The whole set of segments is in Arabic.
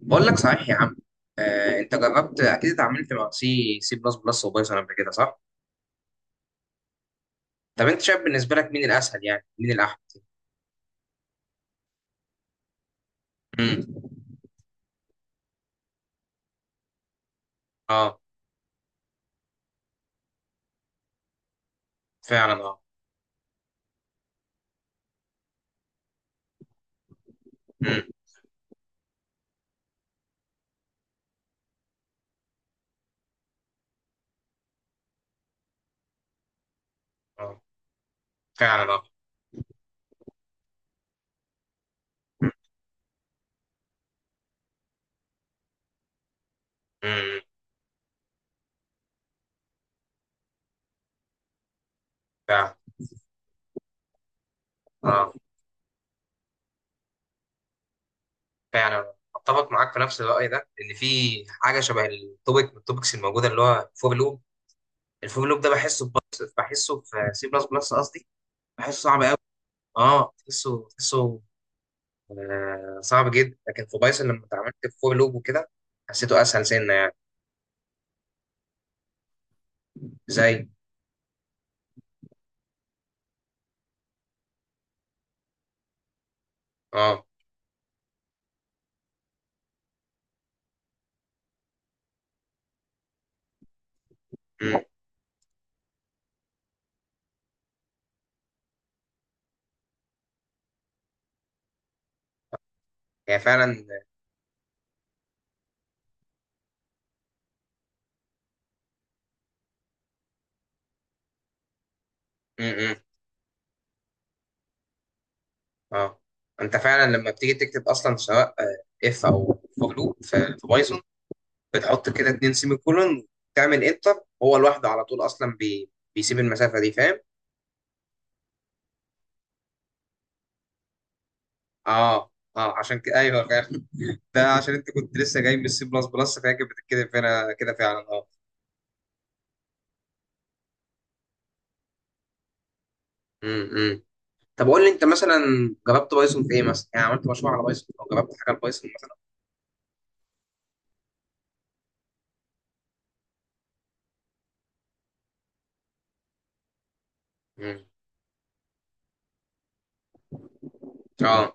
بقول لك صحيح يا عم. انت جربت اكيد اتعاملت مع سي بلس بلس وبايثون قبل كده صح؟ طب انت شايف بالنسبه لك مين الاسهل؟ يعني مين الاحسن؟ امم اه، فعلا. اه امم اه فعلا اه. امم فعلا اه. فعلا آه. اتفق معاك في نفس الراي ده، ان في حاجه شبه التوبيك من التوبكس الموجوده، اللي هو الفور لوب. الفور لوب ده بحسه في بلس، بحسه في سي بلس بلس قصدي. بحسه صعب قوي. اه تحسه، آه، صعب جدا. لكن في بايثون لما اتعاملت في فور لوب وكده حسيته اسهل سنه يعني. زي اه. مم. يعني فعلا. مم. مم. اه، انت فعلا لما بتيجي تكتب اصلا، سواء اف او فور لوب في بايثون، بتحط كده اتنين سيمي كولون، تعمل انتر هو لوحده على طول اصلا. بيسيب المسافه دي، فاهم. اه، اه عشان كده، ايوه فاهم. ده عشان انت كنت لسه جاي من السي بلس بلس، فهي كانت بتتكتب هنا كده فعلا اه. مم. طب قول لي انت مثلا جربت بايثون في ايه مثلا؟ يعني عملت مشروع على بايثون او جربت حاجه على بايثون مثلا؟ مم. اه.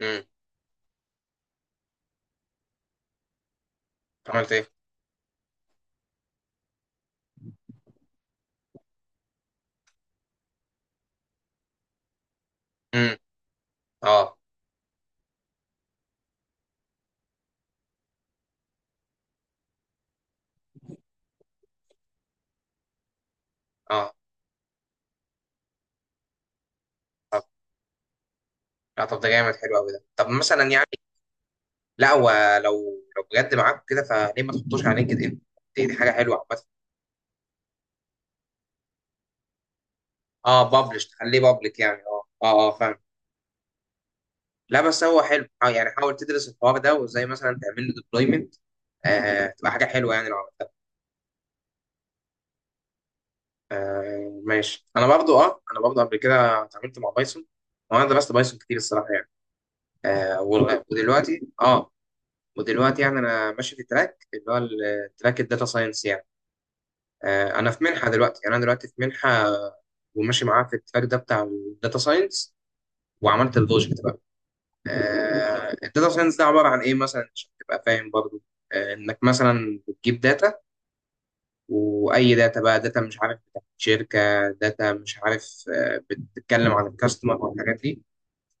امم عملت ايه؟ امم اه. اه، لا طب ده جامد، حلو قوي ده. طب مثلا يعني لا هو لو لو بجد معاك كده، فليه ما تحطوش على لينكد ان؟ دي حاجه حلوه عامه. اه، بابلش تخليه بابليك يعني. اه اه اه فاهم. لا بس هو حلو اه، يعني حاول تدرس الحوار ده وازاي مثلا تعمل له ديبلويمنت. آه تبقى حاجه حلوه يعني لو عملتها. آه ماشي، انا برضو اه، انا برضو قبل كده اتعاملت مع بايثون، وانا درست بايثون كتير الصراحه يعني. ودلوقتي اه، ودلوقتي يعني انا ماشي في تراك، اللي هو التراك الداتا ساينس يعني. آه انا في منحه دلوقتي، يعني انا دلوقتي في منحه، وماشي معاها في التراك ده بتاع الداتا ساينس، وعملت البروجكت بقى. آه الداتا ساينس ده عباره عن ايه مثلا؟ عشان تبقى فاهم برضو، آه انك مثلا بتجيب داتا، واي داتا بقى، داتا مش عارف بتاعت شركه، داتا مش عارف، بتتكلم عن الكاستمر والحاجات دي،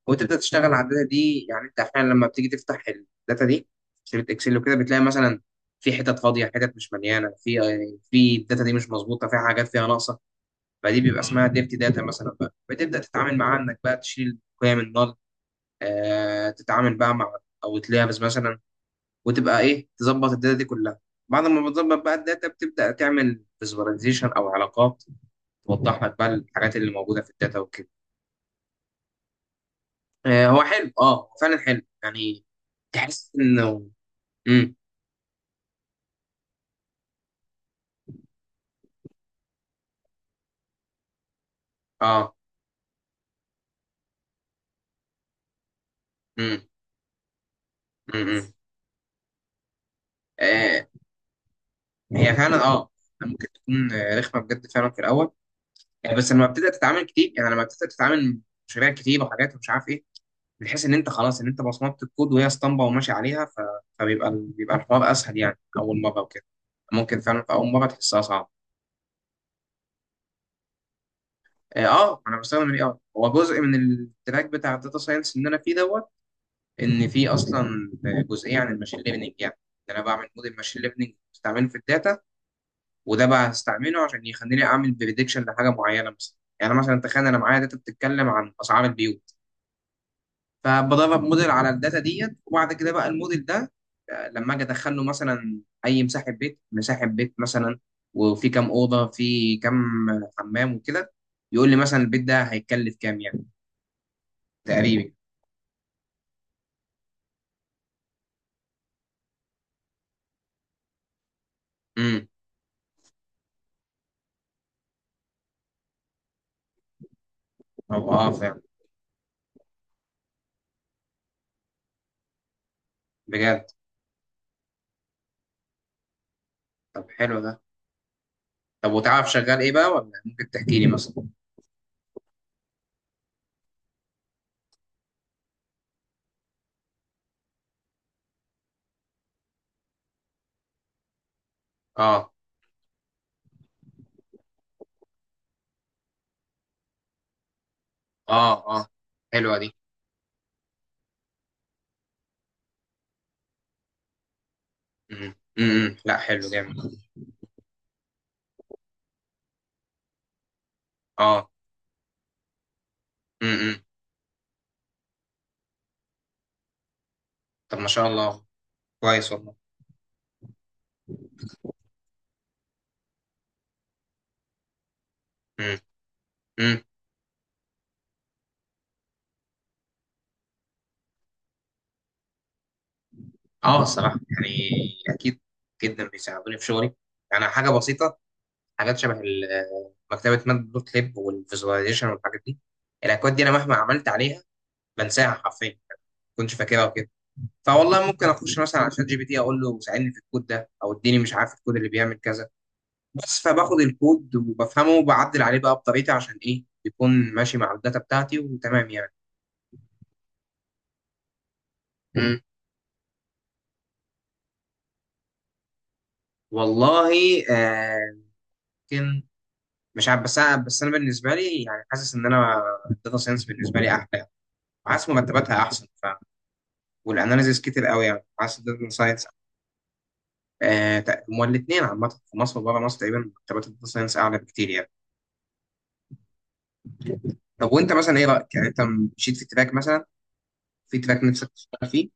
وتبدا تشتغل على الداتا دي. يعني انت احيانا لما بتيجي تفتح الداتا دي في شريط اكسل وكده، بتلاقي مثلا في حتت فاضيه، حتت مش مليانه، في في الداتا دي مش مظبوطه، فيها حاجات، فيها ناقصه، فدي بيبقى اسمها ديرتي داتا. مثلا بقى بتبدا تتعامل معاها، انك بقى تشيل قيم النال، آه تتعامل بقى مع اوتلايرز مثلا، وتبقى ايه تظبط الداتا دي كلها. بعد ما بتظبط بقى الداتا، بتبدا تعمل فيزواليزيشن او علاقات توضح لك بقى الحاجات اللي موجوده في الداتا وكده. آه هو حلو، اه هو فعلا حلو يعني، تحس انه امم اه. امم امم آه. هي فعلا اه، ممكن تكون رخمه بجد فعلا في الاول يعني. بس لما بتبدا تتعامل كتير، يعني لما بتبدا تتعامل مشاريع كتير وحاجات ومش عارف ايه، بتحس ان انت خلاص، ان انت بصمت الكود وهي اسطمبه وماشي عليها، فبيبقى بيبقى الحوار اسهل يعني. اول مره وكده ممكن فعلا في اول مره تحسها صعبه. اه، انا بستخدم الاي اي. هو جزء من التراك بتاع الداتا ساينس اللي انا فيه دوت. ان في اصلا جزئيه عن الماشين ليرنينج يعني، ان انا بعمل موديل ماشين ليرنينج بستعمله في الداتا. وده بقى هستعمله عشان يخليني اعمل بريدكشن لحاجه معينه مثلا. يعني مثلا تخيل انا معايا داتا بتتكلم عن اسعار البيوت، فبدرب موديل على الداتا ديت، وبعد كده بقى الموديل ده، لما اجي ادخل له مثلا اي مساحه بيت، مساحه بيت مثلا، وفي كام اوضه، في كام حمام وكده، يقول لي مثلا البيت ده هيتكلف كام يعني تقريبا. امم طب اه فعلا. بجد. طب حلو ده، طب وتعرف شغال ايه بقى؟ ولا ممكن تحكي لي مثلا؟ اه، اه، اه. حلوه دي. لا حلو جامد. اه. امم طب ما شاء الله، كويس والله. امم اه الصراحه يعني اكيد جدا بيساعدوني في شغلي. يعني حاجه بسيطه، حاجات شبه مكتبه ماده دوت ليب والفيزواليزيشن والحاجات دي، الاكواد دي انا مهما عملت عليها بنساها حرفيا، ما كنتش فاكرها وكده. فوالله ممكن اخش مثلا على شات جي بي تي اقول له ساعدني في الكود ده، او اديني مش عارف الكود اللي بيعمل كذا، بس فباخد الكود وبفهمه وبعدل عليه بقى بطريقتي، عشان ايه يكون ماشي مع الداتا بتاعتي وتمام يعني. مم. والله آه، ممكن مش عارف، بس انا بالنسبه لي يعني حاسس ان انا الداتا ساينس بالنسبه لي احلى، حاسس مرتباتها احسن، والاناليزيز كتير قوي يعني، حاسس الداتا ساينس هما الاثنين عامه في مصر وبره مصر تقريبا مرتبات الداتا ساينس اعلى بكتير يعني. طب وانت مثلا ايه رايك يعني؟ انت مشيت في تراك مثلا، في تراك نفسك تشتغل فيه؟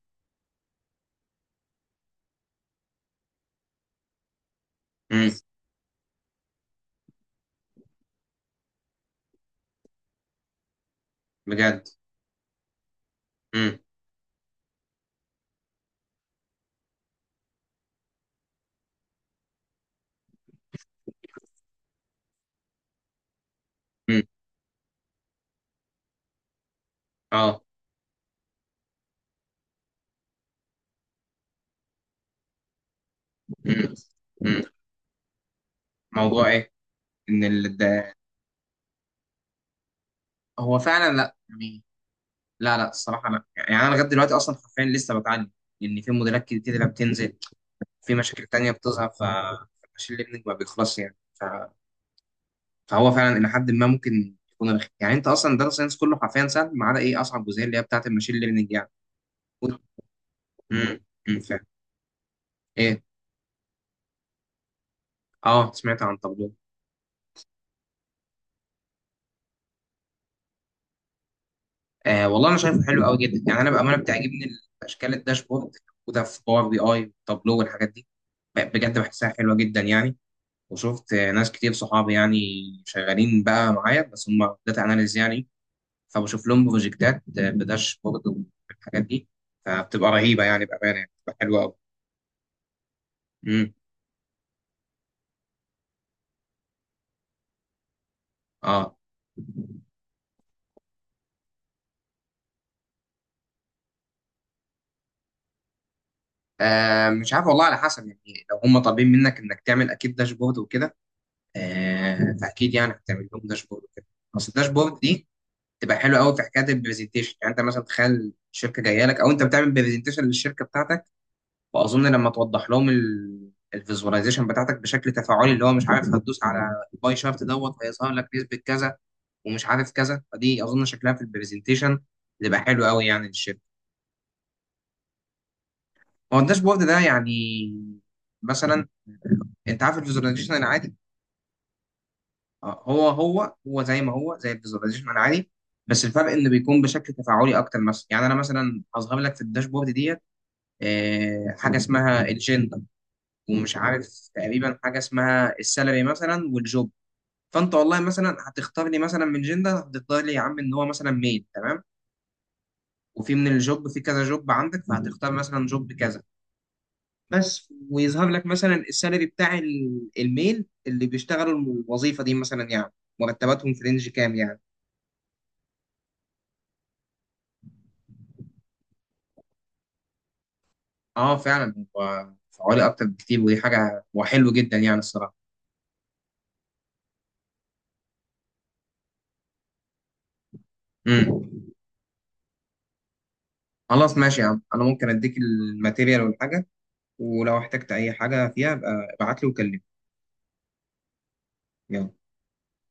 امم بجد. امم امم اه. امم امم موضوع ايه؟ ان ال... ده- هو فعلا لا يعني. لا لا، الصراحه لا يعني، انا لغايه دلوقتي اصلا حرفيا لسه بتعلم، لان في موديلات كتير بتنزل، في مشاكل تانية بتظهر، فالمشي اللي ابنك ما بيخلصش يعني، فهو فعلا إلى حد ما ممكن يكون رخي يعني. أنت أصلا داتا ساينس كله حرفيا سهل، ما عدا إيه أصعب جزئية اللي هي بتاعة الماشين ليرنينج يعني. امم فاهم. إيه. أه سمعت عن تابلو. آه والله أنا شايفه حلو قوي جدا يعني، أنا بأمانة بتعجبني أشكال الداشبورد، وده في باور بي أي وتابلو والحاجات دي. بجد بحسها حلوة جدا يعني. وشفت ناس كتير، صحابي يعني شغالين بقى معايا بس هم داتا أناليز يعني، فبشوف لهم بروجكتات بداشبورد والحاجات دي، فبتبقى رهيبه يعني، بامانه يعني بتبقى حلوه قوي. امم اه. مش عارف والله، على حسب يعني. لو هم طالبين منك انك تعمل اكيد داشبورد وكده، آه فاكيد يعني هتعمل لهم داشبورد وكده. بس الداشبورد دي تبقى حلوه قوي في حكايه البرزنتيشن يعني. انت مثلا تخيل الشركه جايه لك، او انت بتعمل برزنتيشن للشركه بتاعتك، واظن لما توضح لهم الفيزواليزيشن بتاعتك بشكل تفاعلي، اللي هو مش عارف هتدوس على الباي شارت دوت هيظهر لك نسبه كذا، ومش عارف كذا، فدي اظن شكلها في البرزنتيشن تبقى حلو قوي يعني للشركه. هو الداشبورد ده يعني مثلا، انت عارف الفيزواليزيشن العادي؟ هو زي ما هو، زي الفيزواليزيشن العادي، بس الفرق انه بيكون بشكل تفاعلي اكتر. مثلا يعني انا مثلا هظهر لك في الداشبورد ديت حاجه اسمها الجندا، ومش عارف، تقريبا حاجه اسمها السالري مثلا والجوب. فانت والله مثلا هتختار لي مثلا من جندا، هتختار لي يا عم ان هو مثلا ميل تمام، وفي من الجوب في كذا جوب عندك، فهتختار مثلا جوب كذا بس، ويظهر لك مثلا السالري بتاع الميل اللي بيشتغلوا الوظيفه دي مثلا يعني، مرتباتهم في رينج كام يعني. اه فعلا، هو فعالي اكتر بكتير، ودي حاجه وحلو جدا يعني الصراحه. امم خلاص ماشي يا عم، انا ممكن اديك الماتيريال والحاجه، ولو احتجت اي حاجه فيها ابقى ابعت لي وكلمني. يلا.